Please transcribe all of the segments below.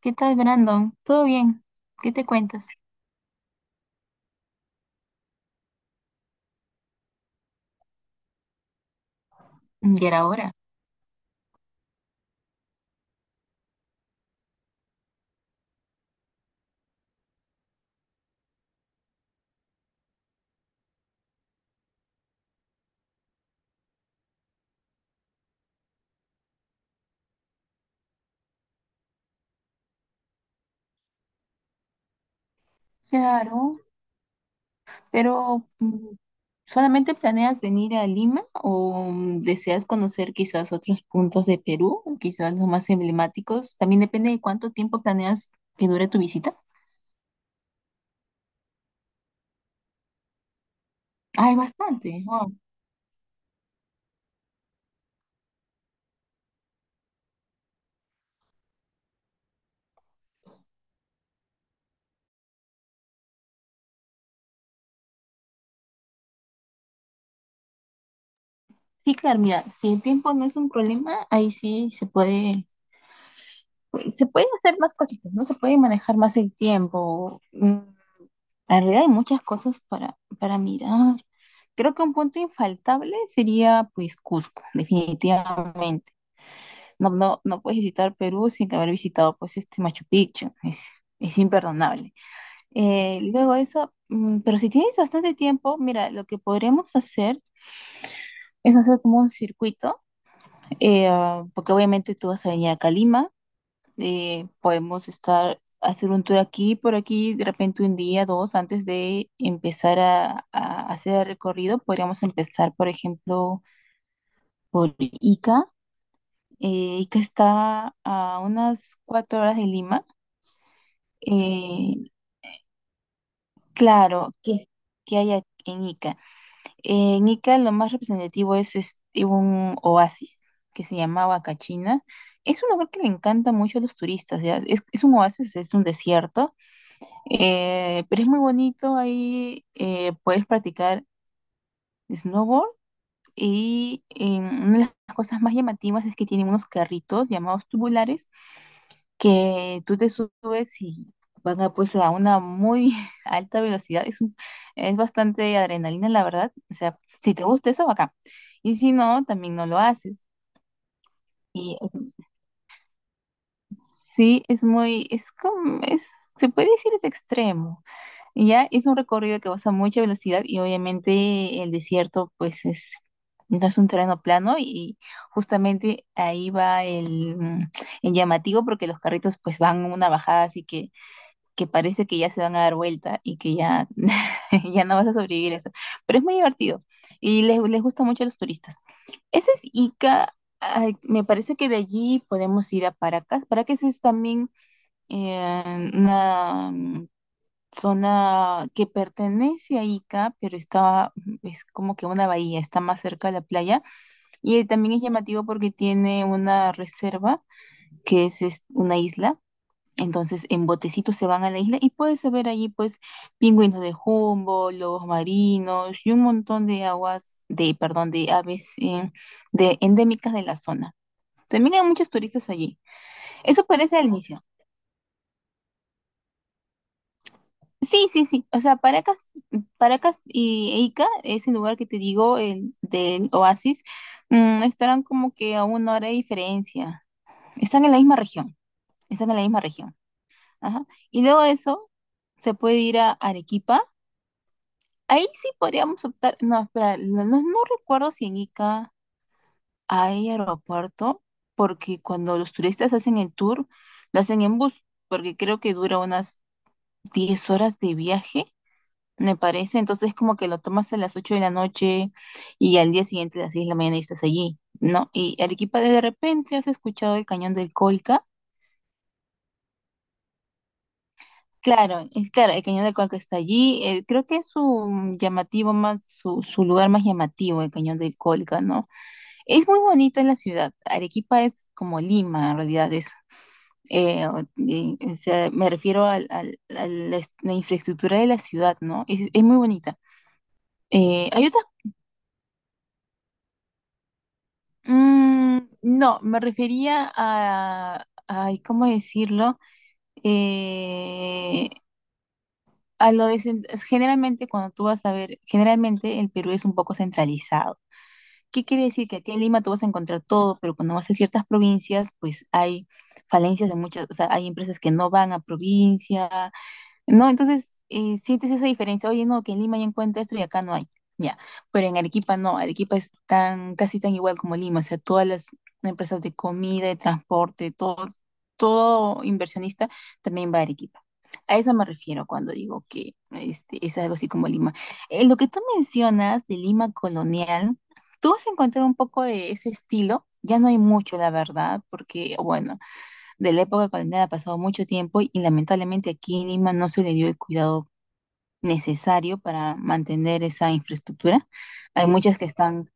¿Qué tal, Brandon? ¿Todo bien? ¿Qué te cuentas? ¿Y era hora? Claro, pero ¿solamente planeas venir a Lima o deseas conocer quizás otros puntos de Perú, quizás los más emblemáticos? También depende de cuánto tiempo planeas que dure tu visita. Ah, es bastante. Wow. Sí, claro, mira, si el tiempo no es un problema, ahí sí se puede, pues, se pueden hacer más cositas, ¿no? Se puede manejar más el tiempo. En realidad hay muchas cosas para mirar. Creo que un punto infaltable sería pues Cusco, definitivamente. No, no, no puedes visitar Perú sin haber visitado pues este Machu Picchu. Es imperdonable. Luego eso, pero si tienes bastante tiempo, mira, lo que podremos hacer es hacer como un circuito, porque obviamente tú vas a venir acá a Lima. Podemos estar, hacer un tour aquí, por aquí, de repente un día, dos, antes de empezar a hacer el recorrido, podríamos empezar, por ejemplo, por Ica. Ica está a unas 4 horas de Lima. Eh, claro, ¿qué hay aquí en Ica? En Ica lo más representativo es, este, un oasis que se llama Huacachina. Es un lugar que le encanta mucho a los turistas, ¿ya? Es un oasis, es un desierto. Pero es muy bonito, ahí puedes practicar snowboard y una de las cosas más llamativas es que tienen unos carritos llamados tubulares que tú te subes y van a, pues, a una muy alta velocidad. Es bastante adrenalina, la verdad. O sea, si te gusta eso, acá. Y si no, también no lo haces. Y eh, sí, es muy, es como, es, se puede decir es extremo. Y ya es un recorrido que vas a mucha velocidad y obviamente el desierto pues es, no es un terreno plano y justamente ahí va el llamativo porque los carritos pues van en una bajada así que parece que ya se van a dar vuelta y que ya, ya no vas a sobrevivir eso. Pero es muy divertido y les gusta mucho a los turistas. Ese es Ica. Ay, me parece que de allí podemos ir a Paracas. Paracas es también eh, una mm, zona que pertenece a Ica, pero está, es como que una bahía, está más cerca de la playa. Y también es llamativo porque tiene una reserva, es una isla. Entonces, en botecitos se van a la isla y puedes ver allí, pues, pingüinos de jumbo, lobos marinos y un montón de aguas, de, perdón, de aves endémicas de la zona. También hay muchos turistas allí. Eso parece al inicio. Sí, sí, sí. O sea, Paracas y e Ica, ese lugar que te digo, el del Oasis, estarán como que a una hora de diferencia. Están en la misma región. Están en la misma región. Ajá. Y luego de eso, se puede ir a Arequipa. Ahí sí podríamos optar. No, espera, no recuerdo si en Ica hay aeropuerto, porque cuando los turistas hacen el tour, lo hacen en bus, porque creo que dura unas 10 horas de viaje. Me parece, entonces como que lo tomas a las 8 de la noche y al día siguiente a las 6 de la mañana y estás allí, ¿no? Y Arequipa, de repente has escuchado el cañón del Colca. Claro, es claro, el cañón del Colca está allí. Creo que es su llamativo más, su lugar más llamativo, el cañón del Colca, ¿no? Es muy bonita la ciudad. Arequipa es como Lima, en realidad es. O sea, me refiero a la, la infraestructura de la ciudad, ¿no? Es muy bonita. Eh, hay no, me refería a, ay, ¿cómo decirlo? Eh, a lo de, cen- es generalmente cuando tú vas a ver, generalmente el Perú es un poco centralizado. ¿Qué quiere decir? Que aquí en Lima tú vas a encontrar todo, pero cuando vas a ciertas provincias, pues hay falencias de muchas, o sea, hay empresas que no van a provincia, no, entonces sientes esa diferencia. Oye, no, que en Lima ya encuentro esto y acá no hay. Ya, pero en Arequipa no. Arequipa es tan, casi tan igual como Lima. O sea, todas las empresas de comida, de transporte, todo, todo inversionista también va a Arequipa. A eso me refiero cuando digo que este, es algo así como Lima. Lo que tú mencionas de Lima colonial, tú vas a encontrar un poco de ese estilo. Ya no hay mucho, la verdad, porque, bueno de la época colonial ha pasado mucho tiempo y lamentablemente aquí en Lima no se le dio el cuidado necesario para mantener esa infraestructura. Hay muchas que están,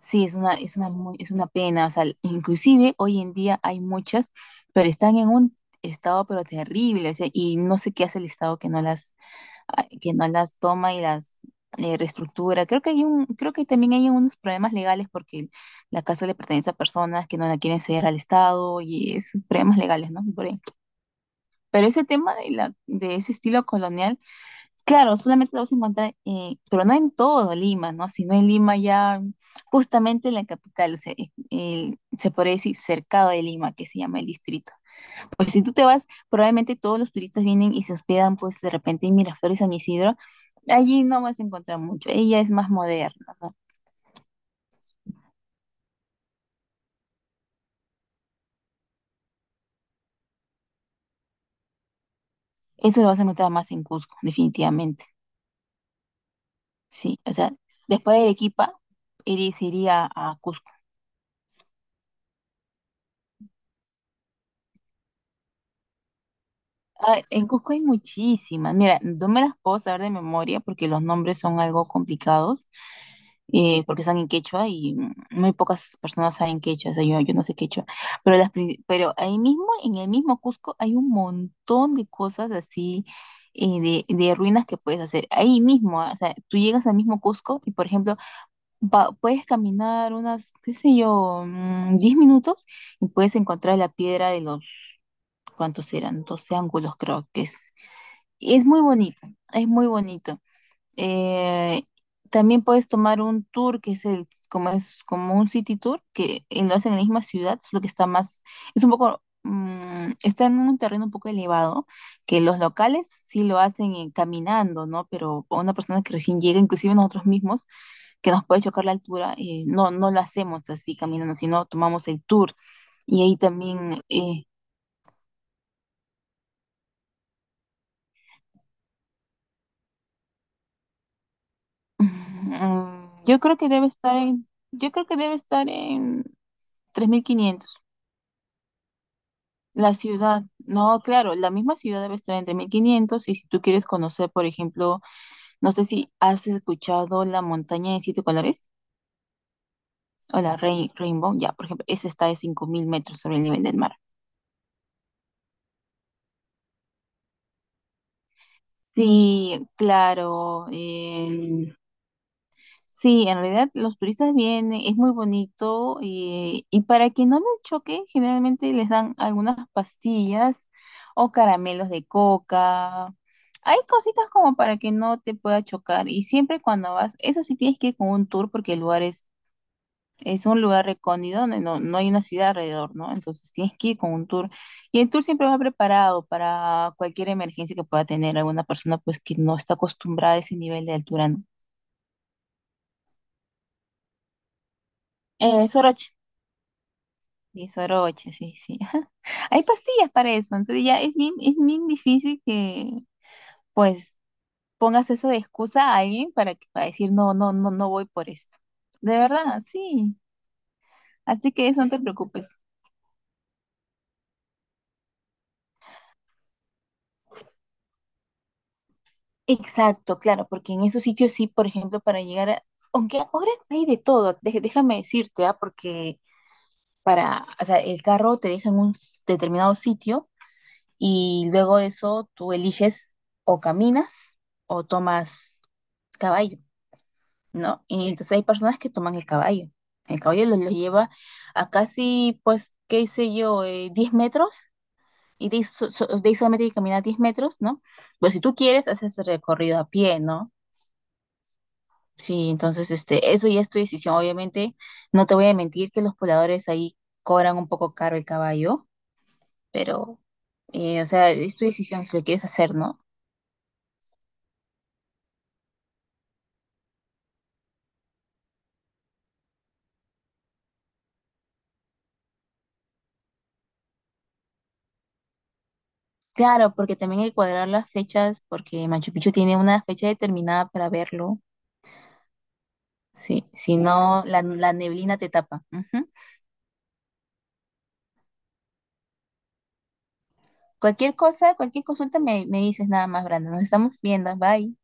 sí, es una pena, o sea, inclusive hoy en día hay muchas, pero están en un estado pero terrible, o sea, y no sé qué hace el Estado que que no las toma y las reestructura. Creo que también hay unos problemas legales porque la casa le pertenece a personas que no la quieren ceder al Estado y esos problemas legales, ¿no? Por ahí. Pero ese tema de ese estilo colonial, claro, solamente lo vas a encontrar, pero no en todo Lima, ¿no? Sino en Lima ya, justamente en la capital, se podría decir cercado de Lima, que se llama el distrito. Porque si tú te vas, probablemente todos los turistas vienen y se hospedan, pues de repente en Miraflores, San Isidro, allí no vas a encontrar mucho, ella es más moderna, ¿no? Eso lo vas a encontrar más en Cusco, definitivamente, sí. O sea, después de Arequipa, se iría a Cusco. Ah, en Cusco hay muchísimas. Mira, no me las puedo saber de memoria porque los nombres son algo complicados, porque están en quechua y muy pocas personas saben quechua, o sea, yo no sé quechua. Pero ahí mismo, en el mismo Cusco, hay un montón de cosas así, de ruinas que puedes hacer. Ahí mismo, ah, o sea, tú llegas al mismo Cusco y, por ejemplo, puedes caminar unas, qué sé yo, 10 minutos y puedes encontrar la piedra de los, ¿cuántos eran? Doce ángulos, creo que es. Y es muy bonito, es muy bonito. Eh, también puedes tomar un tour que es el, como es como un city tour, que lo hacen en la misma ciudad, solo que está más, es un poco, está en un terreno un poco elevado, que los locales sí lo hacen caminando, ¿no? Pero a una persona que recién llega, inclusive nosotros mismos, que nos puede chocar la altura, no lo hacemos así caminando, sino tomamos el tour. Y ahí también, eh, Yo creo que yo creo que debe estar en 3500. La ciudad, no, claro, la misma ciudad debe estar en 3500. Y si tú quieres conocer, por ejemplo, no sé si has escuchado la montaña de siete colores o la Rainbow, ya, por ejemplo, esa está de 5000 metros sobre el nivel del mar. Sí, claro, sí, en realidad los turistas vienen, es muy bonito y para que no les choque, generalmente les dan algunas pastillas o caramelos de coca. Hay cositas como para que no te pueda chocar y siempre cuando vas, eso sí tienes que ir con un tour porque el lugar es un lugar recóndito donde no, no hay una ciudad alrededor, ¿no? Entonces tienes que ir con un tour y el tour siempre va preparado para cualquier emergencia que pueda tener alguna persona pues que no está acostumbrada a ese nivel de altura, ¿no? Sorach, y soroche, sí, sí. Ajá. Hay pastillas para eso, entonces ya es bien difícil que pues pongas eso de excusa a alguien para que para decir no, no, no, no voy por esto. De verdad, sí. Así que eso no te preocupes. Exacto, claro, porque en esos sitios sí, por ejemplo, para llegar a, aunque ahora hay de todo, déjame decirte, ah, porque para, o sea, el carro te deja en un determinado sitio y luego de eso tú eliges o caminas o tomas caballo. ¿No? Y entonces hay personas que toman el caballo. El caballo los lleva a casi, pues, qué sé yo, 10 metros. Y de ahí, de ahí solamente hay que caminar 10 metros, ¿no? Pero si tú quieres, haces el recorrido a pie, ¿no? Sí, entonces, este, eso ya es tu decisión. Obviamente, no te voy a mentir que los pobladores ahí cobran un poco caro el caballo, pero, o sea, es tu decisión si lo quieres hacer, ¿no? Claro, porque también hay que cuadrar las fechas, porque Machu Picchu tiene una fecha determinada para verlo. Sí, si no, la neblina te tapa. Ujú. Cualquier cosa, cualquier consulta me dices nada más, Brandon. Nos estamos viendo. Bye.